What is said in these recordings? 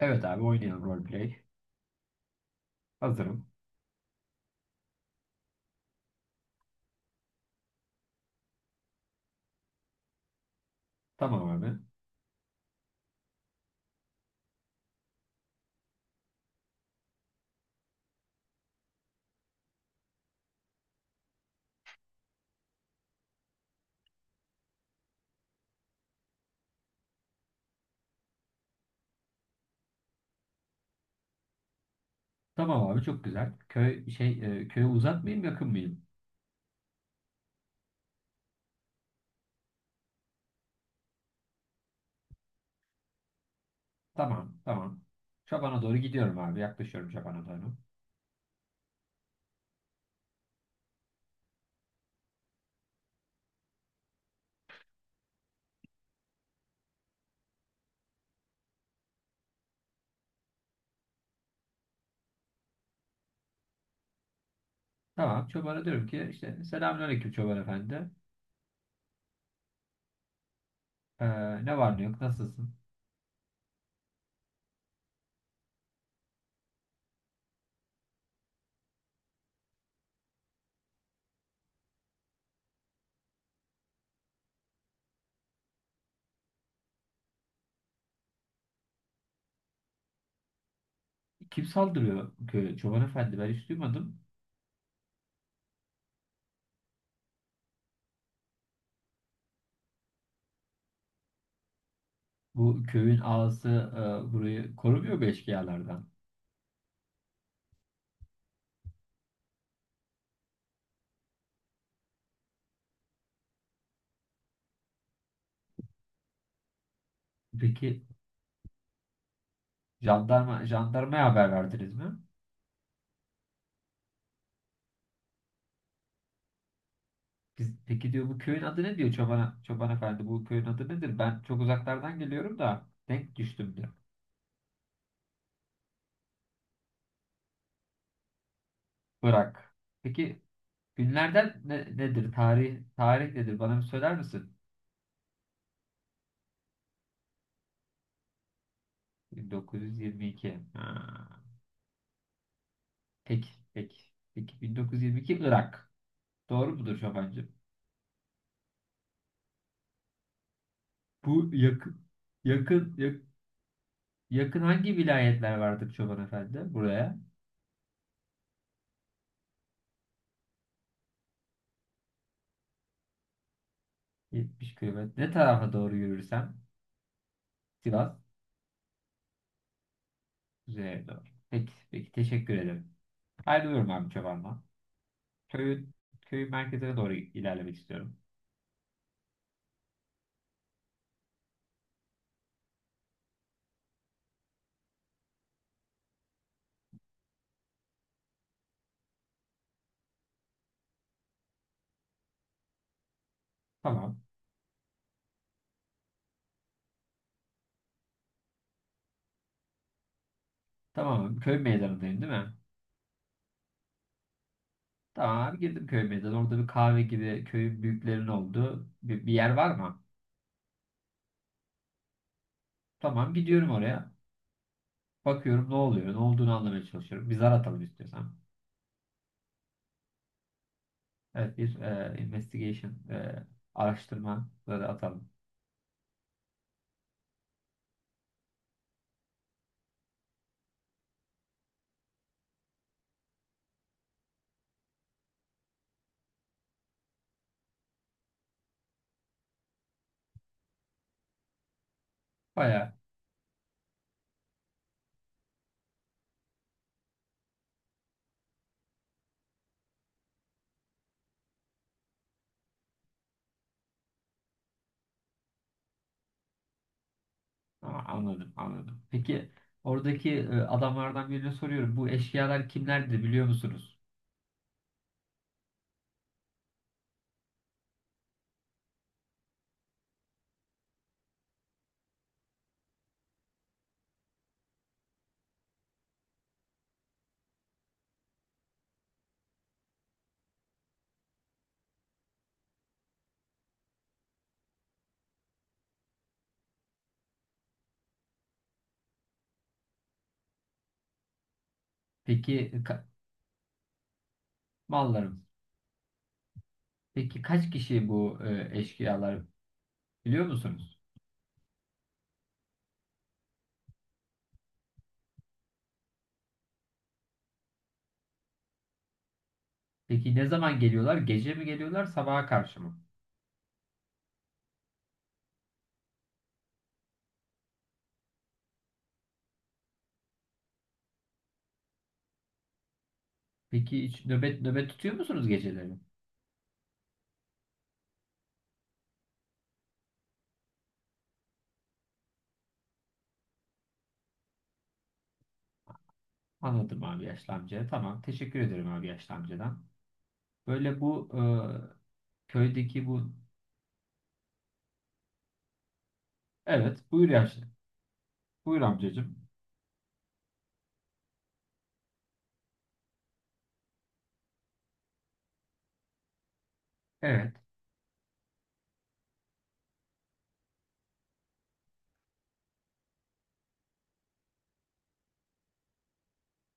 Evet abi oynayalım roleplay. Hazırım. Tamam abi. Tamam abi çok güzel. Köy köye uzak mıyım yakın mıyım? Tamam tamam. Çobana doğru gidiyorum abi. Yaklaşıyorum çobana doğru. Tamam çobana diyorum ki işte selamünaleyküm çoban efendi. Ee, ne var ne yok nasılsın? Kim saldırıyor köye? Çoban efendi ben hiç duymadım. Bu köyün ağası burayı korumuyor mu eşkıyalardan? Peki jandarmaya haber verdiniz mi? Biz, peki diyor bu köyün adı ne diyor çobana, çoban efendi bu köyün adı nedir? Ben çok uzaklardan geliyorum da denk düştüm diyor. Irak. Peki günlerden nedir? Tarih nedir? Bana bir söyler misin? 1922. Ha. Peki peki. Peki 1922 Irak. Doğru mudur çobancım? Bu yakın yakın yakın hangi vilayetler vardır çoban efendi? Buraya 70 kilometre. Ne tarafa doğru yürürsem Sivas üzerine doğru. Peki peki teşekkür ederim. Ayrılıyorum abi Çoban'dan. Köyün, köyün merkezine doğru ilerlemek istiyorum. Tamam. Tamam abi. Köy meydanındayım değil mi? Tamam abi girdim köy meydanı. Orada bir kahve gibi köyün büyüklerinin olduğu bir yer var mı? Tamam gidiyorum oraya. Bakıyorum ne oluyor. Ne olduğunu anlamaya çalışıyorum. Bir zar atalım istiyorsan. Evet bir e, investigation e, araştırma zarı atalım. Bayağı. Aa, anladım. Peki oradaki adamlardan birine soruyorum. Bu eşyalar kimlerdi biliyor musunuz? Peki ka- mallarım. Peki kaç kişi bu eşkıyalar biliyor musunuz? Peki ne zaman geliyorlar? Gece mi geliyorlar, sabaha karşı mı? Peki hiç nöbet tutuyor musunuz geceleri? Anladım abi yaşlı amca. Tamam. Teşekkür ederim abi yaşlı amcadan. Böyle bu köydeki bu... Evet. Buyur yaşlı. Buyur amcacığım. Evet.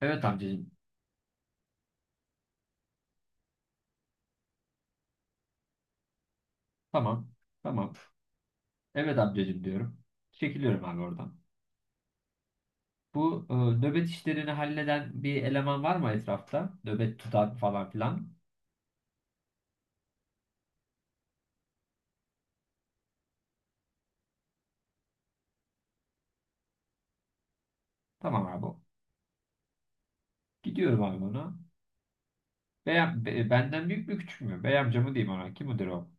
Evet amcacığım. Tamam. Tamam. Evet amcacığım diyorum. Çekiliyorum abi oradan. Bu nöbet işlerini halleden bir eleman var mı etrafta? Nöbet tutan falan filan. Tamam abi. Gidiyorum abi ona. Benden büyük mü küçük mü? Bey amcamı diyeyim ona. Kim müdür o?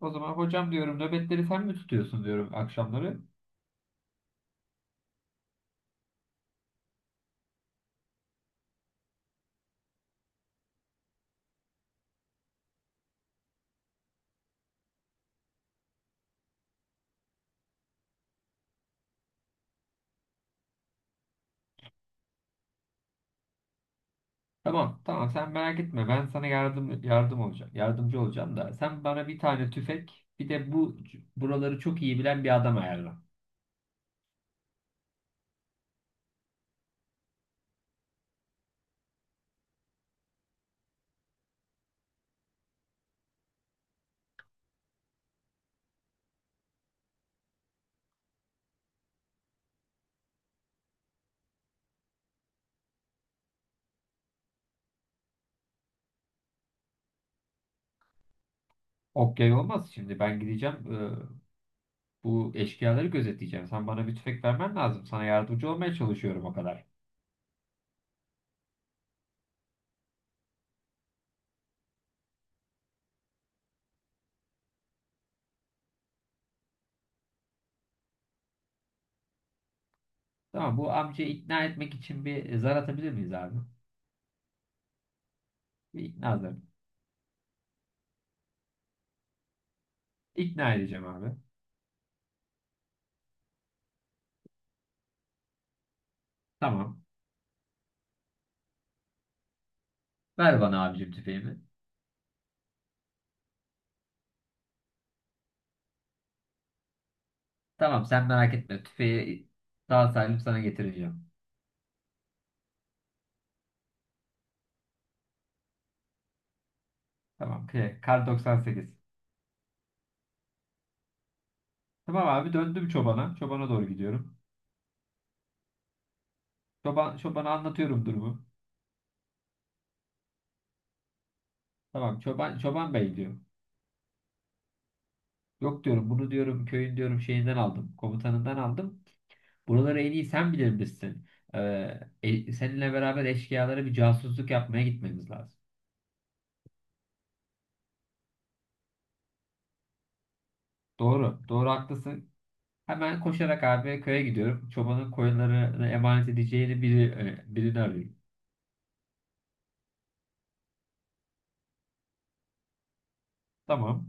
O zaman hocam diyorum nöbetleri sen mi tutuyorsun diyorum akşamları. Tamam tamam sen merak etme ben sana yardım olacağım. Yardımcı olacağım da sen bana bir tane tüfek bir de buraları çok iyi bilen bir adam ayarla. Ok yay olmaz şimdi ben gideceğim bu eşkıyaları gözetleyeceğim. Sen bana bir tüfek vermen lazım. Sana yardımcı olmaya çalışıyorum o kadar. Tamam bu amcayı ikna etmek için bir zar atabilir miyiz abi? Bir ikna zarı. İkna edeceğim abi. Tamam. Ver bana abicim tüfeğimi. Tamam sen merak etme. Tüfeği sağ salim sana getireceğim. Tamam. Kar 98. Tamam abi döndüm çobana. Çobana doğru gidiyorum. Çobana anlatıyorum durumu. Tamam çoban bey diyor. Yok diyorum bunu diyorum köyün diyorum şeyinden aldım. Komutanından aldım. Buraları en iyi sen bilir misin? Seninle beraber eşkıyalara bir casusluk yapmaya gitmemiz lazım. Doğru. Doğru haklısın. Hemen koşarak abi köye gidiyorum. Çobanın koyunlarını emanet edeceğini birini arıyorum. Tamam.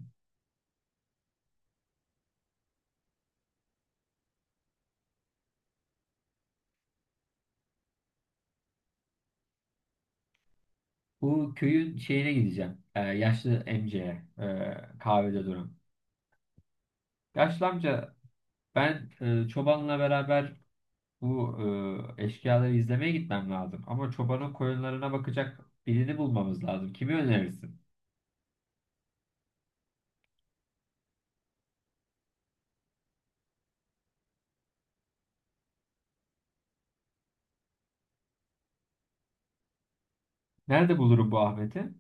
Bu köyün şeyine gideceğim. E, yaşlı amcaya, kahvede duran. Yaşlı amca ben çobanla beraber bu eşkıyaları izlemeye gitmem lazım. Ama çobanın koyunlarına bakacak birini bulmamız lazım. Kimi önerirsin? Nerede bulurum bu Ahmet'i?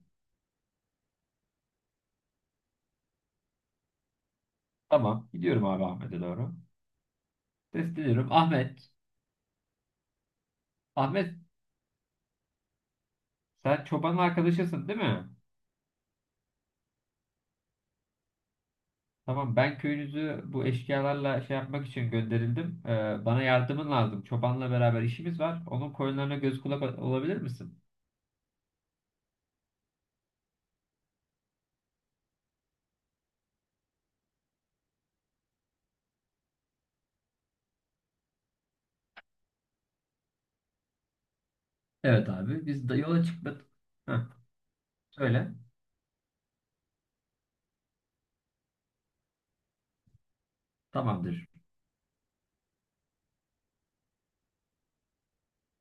Tamam. Gidiyorum abi Ahmet'e doğru. Sesleniyorum. Ahmet. Ahmet sen çobanın arkadaşısın değil mi? Tamam ben köyünüzü bu eşkıyalarla şey yapmak için gönderildim. Bana yardımın lazım. Çobanla beraber işimiz var. Onun koyunlarına göz kulak olabilir misin? Evet abi biz de yola çıkmadık. Heh, söyle. Tamamdır.